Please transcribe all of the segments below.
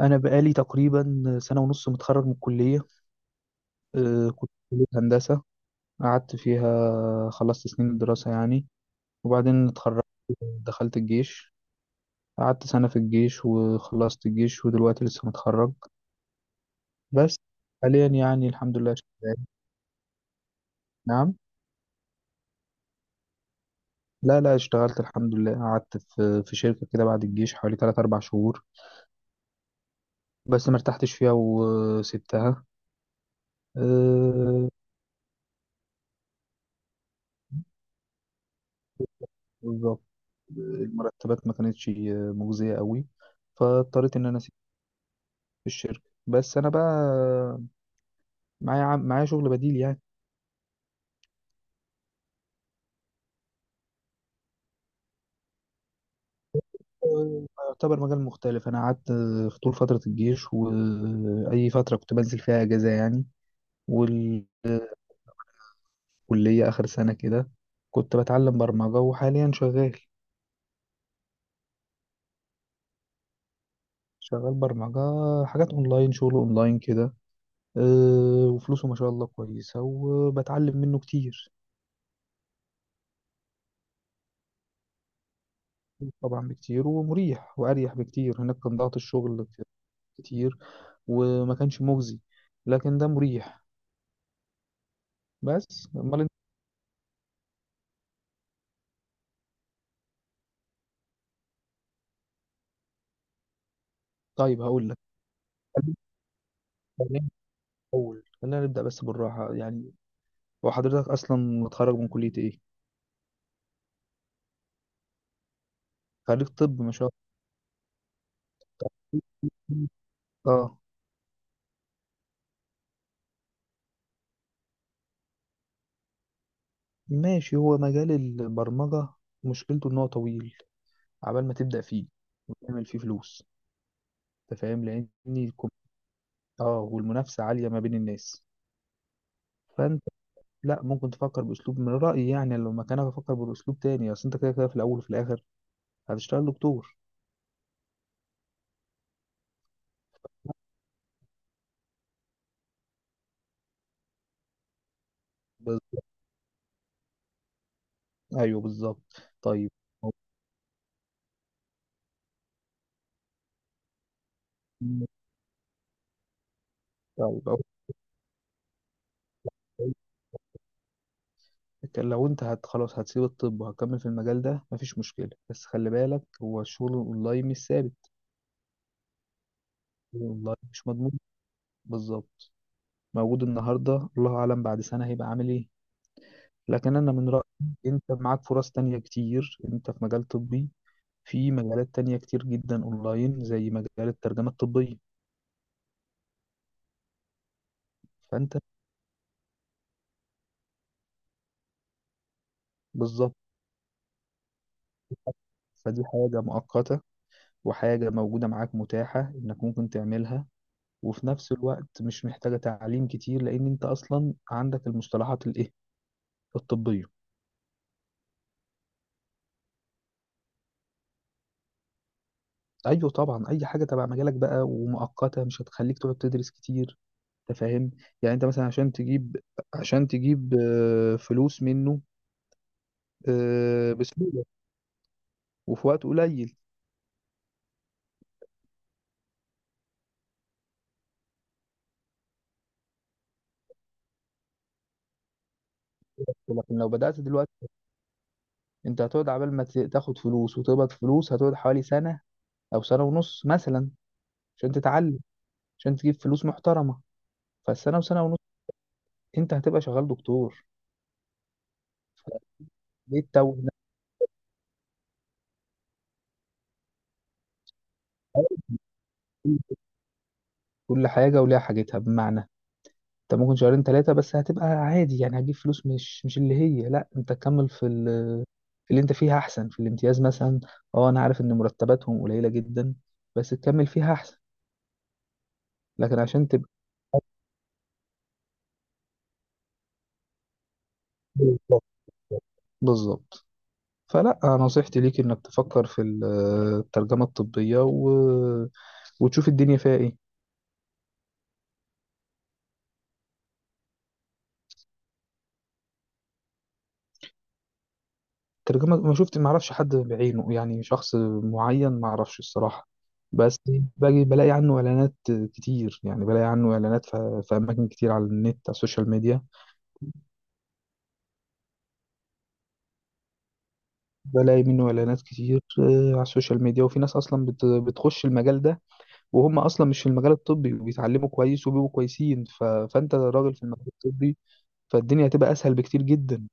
أنا بقالي تقريبا سنة ونص متخرج من الكلية. كنت في كلية هندسة، قعدت فيها خلصت سنين الدراسة يعني، وبعدين اتخرجت، دخلت الجيش، قعدت سنة في الجيش وخلصت الجيش ودلوقتي لسه متخرج بس. حاليا يعني الحمد لله شغال. نعم. لا لا اشتغلت الحمد لله، قعدت في شركة كده بعد الجيش حوالي 3 4 شهور بس ما ارتحتش فيها وسبتها. آه، بالظبط، المرتبات ما كانتش مجزية قوي، فاضطريت ان انا في الشركة، بس أنا بقى معايا معايا شغل بديل يعني. يعتبر مجال مختلف. أنا قعدت في طول فترة الجيش وأي فترة كنت بنزل فيها أجازة يعني، والكلية آخر سنة كده كنت بتعلم برمجة، وحاليا شغال. شغال برمجة، حاجات أونلاين، شغل أونلاين كده. وفلوسه ما شاء الله كويسة وبتعلم منه كتير. طبعا بكتير ومريح، وأريح بكتير. هناك كان ضغط الشغل كتير وما كانش مجزي، لكن ده مريح. بس امال انت؟ طيب هقول لك، خلينا الاول خلينا نبدا بس بالراحه يعني. هو حضرتك اصلا متخرج من كليه ايه؟ خريج طب ما شاء الله. اه ماشي، هو مجال البرمجه مشكلته ان هو طويل عبال ما تبدا فيه وتعمل فيه فلوس. انت فاهم لان اه والمنافسه عاليه ما بين الناس. فانت لا ممكن تفكر باسلوب، من رايي يعني لو مكانك افكر باسلوب تاني، اصل انت كده كده في الاول وفي الاخر هتشتغل دكتور. بز... ايوه بالظبط. طيب طيب أقول لك، لو انت هت خلاص هتسيب الطب وهتكمل في المجال ده مفيش مشكلة، بس خلي بالك هو الشغل الاونلاين مش ثابت. الاونلاين مش مضمون. بالظبط، موجود النهاردة الله اعلم بعد سنة هيبقى عامل ايه. لكن انا من رأيي انت معاك فرص تانية كتير، انت في مجال طبي، في مجالات تانية كتير جدا اونلاين زي مجال الترجمة الطبية. فانت بالظبط، فدي حاجة مؤقتة وحاجة موجودة معاك متاحة انك ممكن تعملها، وفي نفس الوقت مش محتاجة تعليم كتير، لأن أنت أصلا عندك المصطلحات الطبية. أيوه طبعا، أي حاجة تبع مجالك بقى ومؤقتة مش هتخليك تقعد تدرس كتير. أنت فاهم يعني، أنت مثلا عشان تجيب، عشان تجيب فلوس منه، بسهولة وفي وقت قليل. لكن لو بدأت دلوقتي أنت هتقعد عبال ما تاخد فلوس وتقبض فلوس هتقعد حوالي سنة أو سنة ونص مثلا عشان تتعلم، عشان تجيب فلوس محترمة. فالسنة وسنة ونص أنت هتبقى شغال دكتور، فليه تتوه؟ كل حاجة وليها حاجتها، بمعنى انت ممكن شهرين ثلاثة بس هتبقى عادي يعني، هتجيب فلوس مش مش اللي هي، لا انت تكمل في في اللي انت فيها احسن، في الامتياز مثلا. اه انا عارف ان مرتباتهم قليلة جدا بس تكمل فيها احسن. لكن عشان تبقى بالظبط بالظبط. فلا نصيحتي ليك انك تفكر في الترجمة الطبية، و... وتشوف الدنيا فيها ايه. ترجمة ما شفت، ما اعرفش حد بعينه يعني شخص معين ما اعرفش الصراحة. بس باجي بلاقي عنه اعلانات كتير يعني، بلاقي عنه اعلانات في اماكن كتير على النت على السوشيال ميديا. بلاقي منه اعلانات كتير على السوشيال ميديا، وفي ناس اصلا بتخش المجال ده وهم اصلا مش في المجال الطبي وبيتعلموا كويس وبيبقوا كويسين، ف... فانت راجل في المجال الطبي فالدنيا هتبقى اسهل بكتير جدا.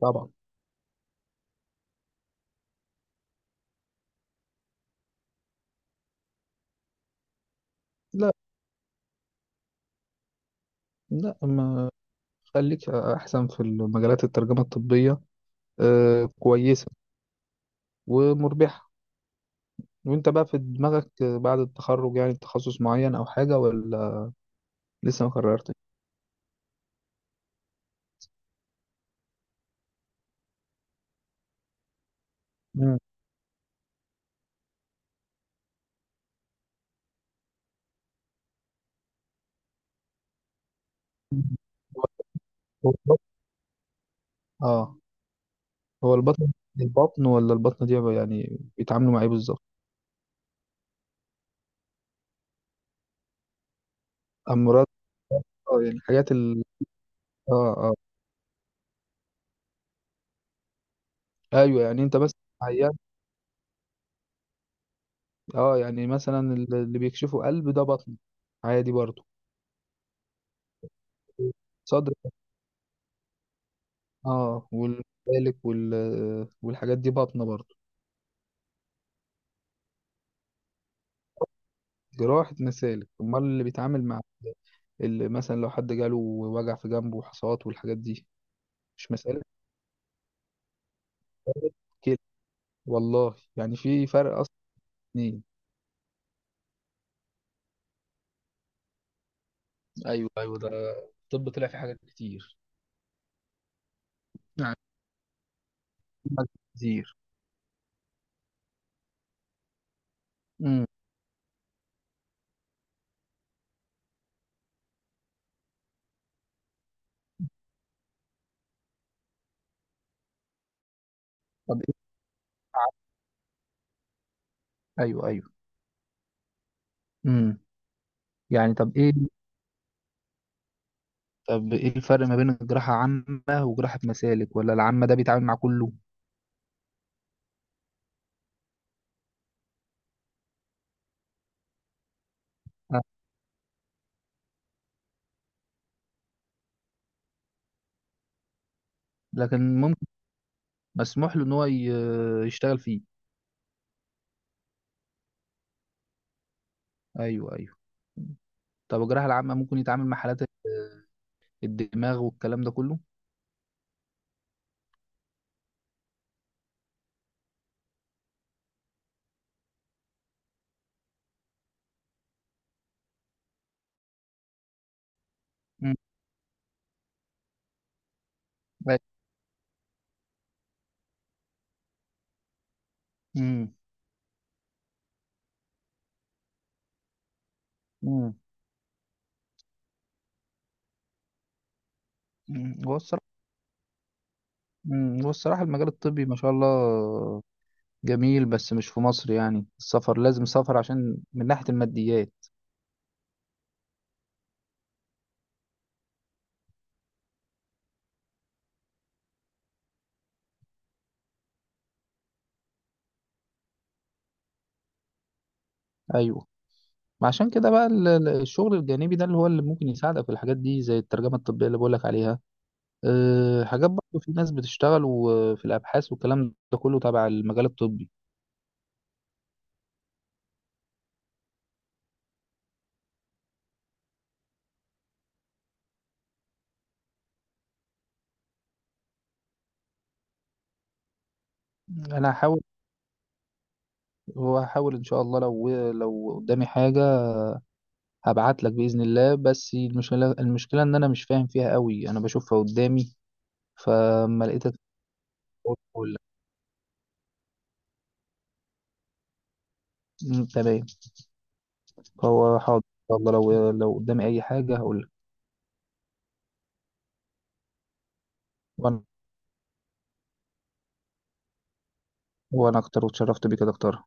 طبعا. لا لا ما خليك احسن في المجالات الترجمة الطبية، كويسة ومربحة. وانت بقى في دماغك بعد التخرج يعني تخصص معين او حاجة ولا لسه ما قررتش؟ مم. هو هو البطن، اه هو البطن. البطن ولا البطنة دي بقى يعني بيتعاملوا مع ايه بالظبط؟ امراض، اه يعني الحاجات ال، اه اه ايوه. يعني انت بس عيان؟ اه يعني مثلا اللي بيكشفوا قلب ده بطن، عادي برضه، صدر، اه والمسالك وال، والحاجات دي بطنة برضه. جراحة مسالك؟ امال اللي بيتعامل مع اللي مثلا لو حد جاله وجع في جنبه وحصوات والحاجات دي، مش مسألة كده؟ والله يعني في فرق اصلا اتنين. ايوه ايوه، ده الطب طلع فيه حاجات كتير يعني، في فرق كتير. امم. طب ايه؟ ايوه ايوه، امم. يعني طب ايه؟ طب ايه الفرق ما بين الجراحة عامة وجراحة مسالك؟ ولا العامة ده بيتعامل مع كله؟ آه. لكن ممكن مسموح له ان هو يشتغل فيه. ايوه ايوه. طب الجراحة العامة ممكن يتعامل مع حالات الدماغ والكلام ده كله؟ مم. بس. مم. مم. مم. هو الصراحة، هو الصراحة المجال الطبي ما شاء الله جميل، بس مش في مصر يعني، السفر لازم سفر عشان من ناحية الماديات. أيوه، ما عشان كده بقى الشغل الجانبي ده اللي هو اللي ممكن يساعدك في الحاجات دي زي الترجمة الطبية اللي بقولك عليها. أه حاجات برضه في ناس بتشتغل، وفي الأبحاث والكلام ده كله تبع المجال الطبي. أنا هحاول، هحاول إن شاء الله، لو قدامي حاجة هبعت لك باذن الله. بس المشكله ان انا مش فاهم فيها قوي، انا بشوفها قدامي فما لقيتك قلت أقول لك. أمم، تمام. فهو حاضر ان شاء الله، لو قدامي اي حاجه هقول لك. وانا وانا اكتر، واتشرفت بيك يا دكتور.